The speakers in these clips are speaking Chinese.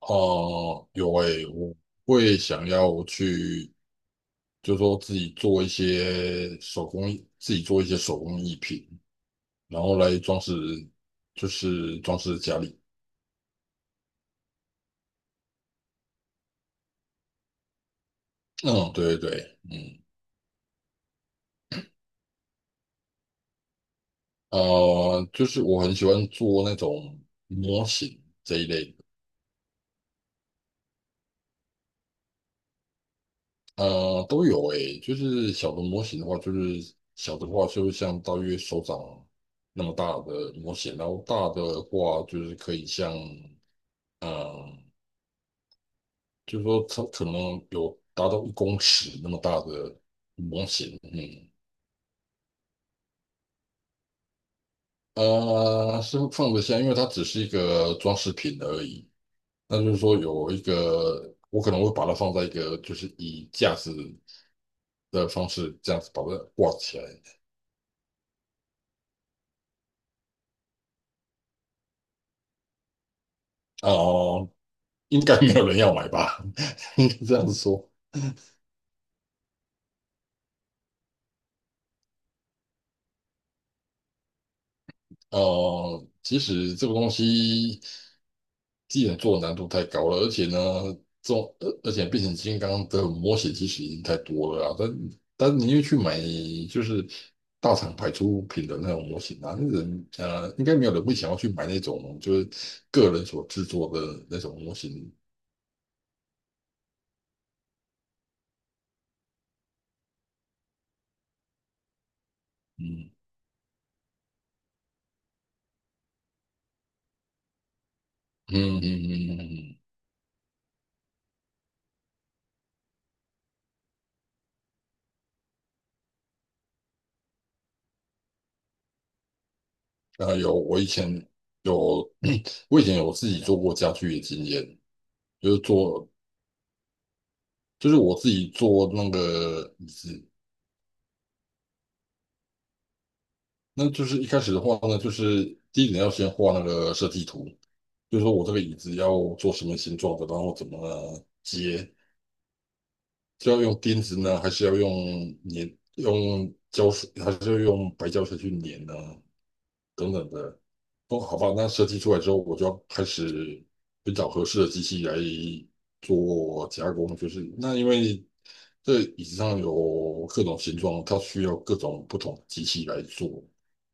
哦，有诶，我会想要去，就是说自己做一些手工艺品，然后来装饰，就是装饰家里。嗯，对对对，嗯，就是我很喜欢做那种模型这一类的。都有诶，就是小的模型的话，就是小的话就像大约手掌那么大的模型，然后大的话就是可以像。嗯，就是说它可能有达到1公尺那么大的模型，嗯。是放得下，因为它只是一个装饰品而已。那就是说有一个，我可能会把它放在一个，就是以架子的方式这样子把它挂起来。哦、应该没有人要买吧？应该这样子说。其实这个东西既然做的难度太高了，而且呢，这种而且变形金刚的模型其实已经太多了啊。但你又去买就是大厂牌出品的那种模型啊，那人应该没有人会想要去买那种就是个人所制作的那种模型。嗯嗯嗯嗯嗯嗯，啊、有我以前有 我以前有自己做过家具的经验。就是做就是我自己做那个椅子。那就是一开始的话呢，就是第一点要先画那个设计图，就是说我这个椅子要做什么形状的，然后怎么接，是要用钉子呢，还是要用粘，用胶水，还是要用白胶水去粘呢？等等的。哦，好吧，那设计出来之后，我就要开始寻找合适的机器来做加工。就是那因为这椅子上有各种形状，它需要各种不同的机器来做。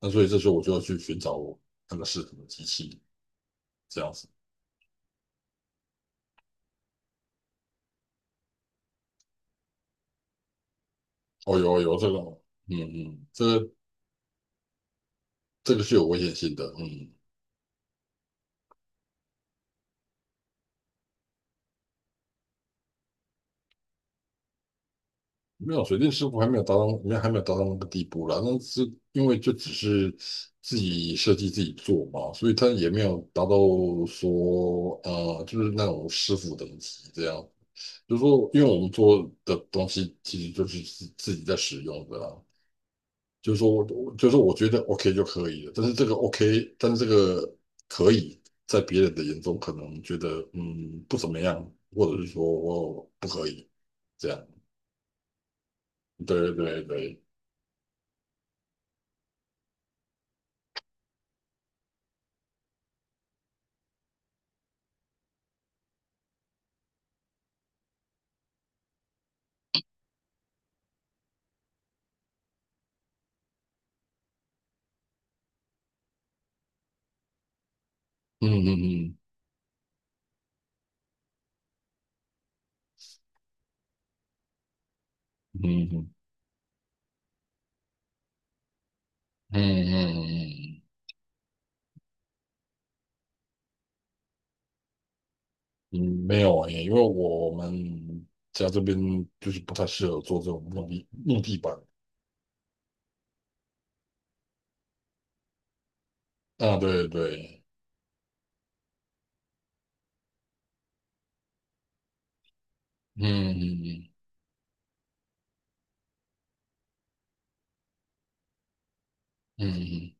那所以这时候我就要去寻找那个适合的机器，这样子。哦，有这个，嗯嗯，这个是有危险性的，嗯。没有水电师傅还没有达到，没有还没有达到那个地步啦。那是因为就只是自己设计自己做嘛，所以他也没有达到说就是那种师傅等级这样。就是说，因为我们做的东西其实就是自己在使用的啦。就是说我，就是说我觉得 OK 就可以了，但是这个 OK,但是这个可以在别人的眼中可能觉得不怎么样，或者是说我不可以这样。对对对。嗯嗯嗯嗯嗯嗯嗯，嗯，没有诶，因为我们家这边就是不太适合做这种木地板啊，对对，嗯嗯嗯嗯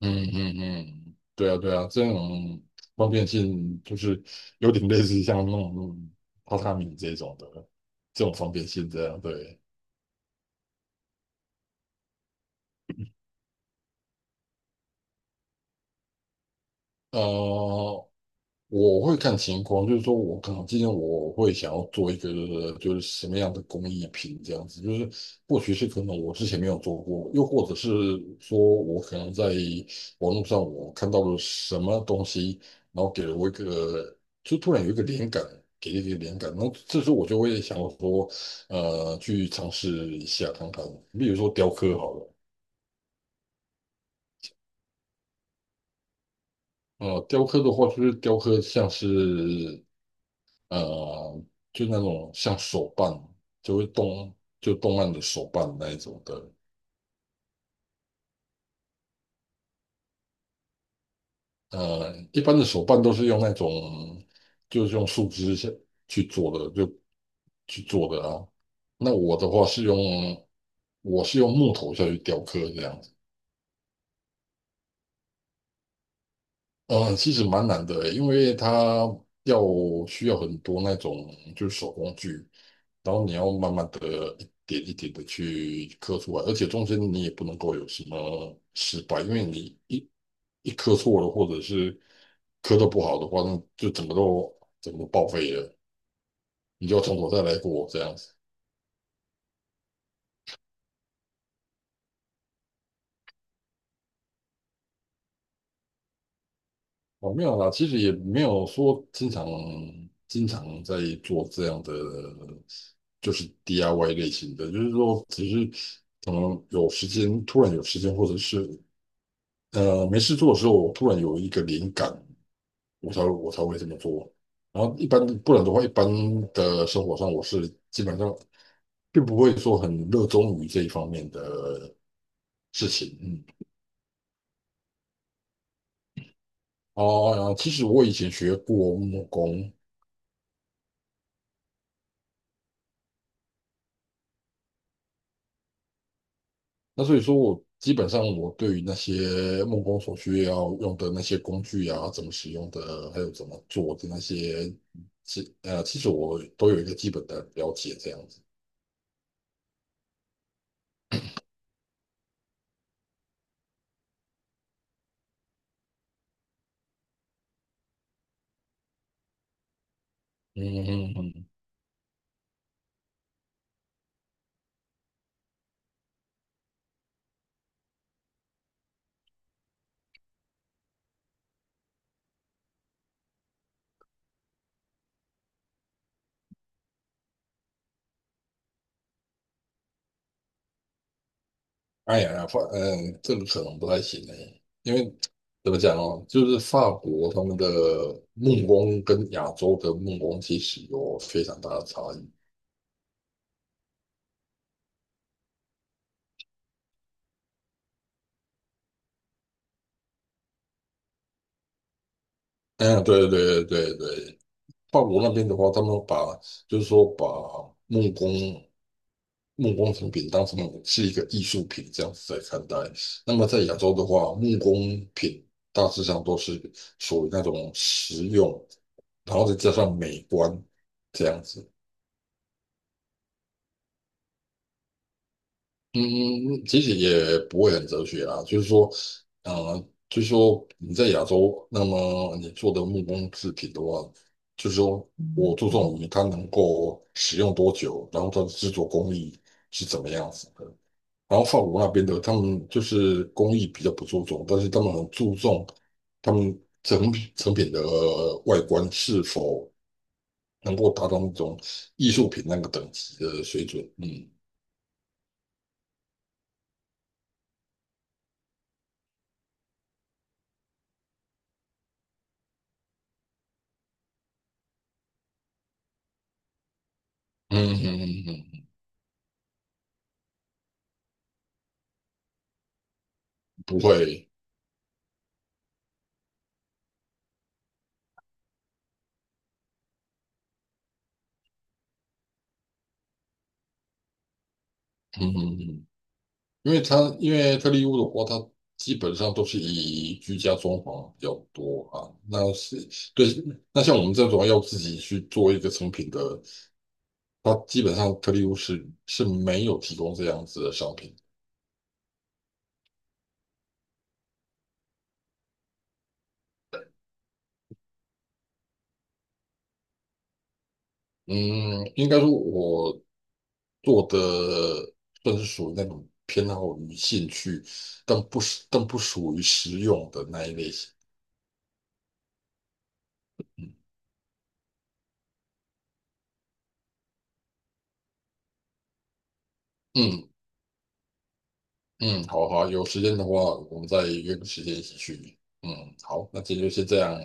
嗯嗯嗯，对啊对啊，这种方便性就是有点类似像那种榻榻米这种的这种方便性这样，对。呃，我会看情况，就是说我可能今天我会想要做一个就是什么样的工艺品这样子。就是或许是可能我之前没有做过，又或者是说我可能在网络上我看到了什么东西，然后给了我一个就突然有一个灵感，给了一个灵感，然后这时候我就会想说，去尝试一下看看，比如说雕刻好了。雕刻的话，就是雕刻像是呃，就那种像手办，就会动，就动漫的手办那一种的。一般的手办都是用那种，就是用树枝去做的，就去做的啊。那我的话是用，我是用木头下去雕刻这样子。嗯，其实蛮难的，因为它要需要很多那种就是手工具，然后你要慢慢的一点一点的去刻出来，而且中间你也不能够有什么失败。因为你一刻错了，或者是刻的不好的话，那就整个都整个报废了，你就要从头再来过这样子。哦，没有啦，其实也没有说经常经常在做这样的，就是 DIY 类型的，就是说只是可能有时间，突然有时间，或者是没事做的时候，我突然有一个灵感，我才会这么做。然后一般不然的话，一般的生活上我是基本上并不会说很热衷于这一方面的事情。嗯。哦，其实我以前学过木工。那所以说我基本上我对于那些木工所需要用的那些工具啊，怎么使用的，还有怎么做的那些其实我都有一个基本的了解这样子。嗯嗯嗯，哎呀，呀，这个可能不太行哎，因为怎么讲哦，就是法国他们的木工跟亚洲的木工其实有非常大的差异。嗯，对对对对，对。法国那边的话，他们把就是说把木工木工成品当成是一个艺术品这样子在看待。那么在亚洲的话，木工品大致上都是属于那种实用，然后再加上美观这样子。嗯，嗯其实也不会很哲学啊，呃，就是说你在亚洲，那么你做的木工制品的话，就是说我注重于它能够使用多久，然后它的制作工艺是怎么样子的。然后法国那边的，他们就是工艺比较不注重，但是他们很注重他们成品的外观是否能够达到那种艺术品那个等级的水准。嗯嗯嗯嗯，嗯，不会。嗯嗯嗯，因为特力屋的话，它基本上都是以居家装潢比较多啊。那是对。那像我们这种要自己去做一个成品的，它基本上特力屋是没有提供这样子的商品。嗯，应该说我做的算是属于那种偏好于兴趣，但不是但不属于实用的那一类型。嗯嗯，嗯，好好，有时间的话，我们再约个时间一起去。嗯，好，那今天就先这样。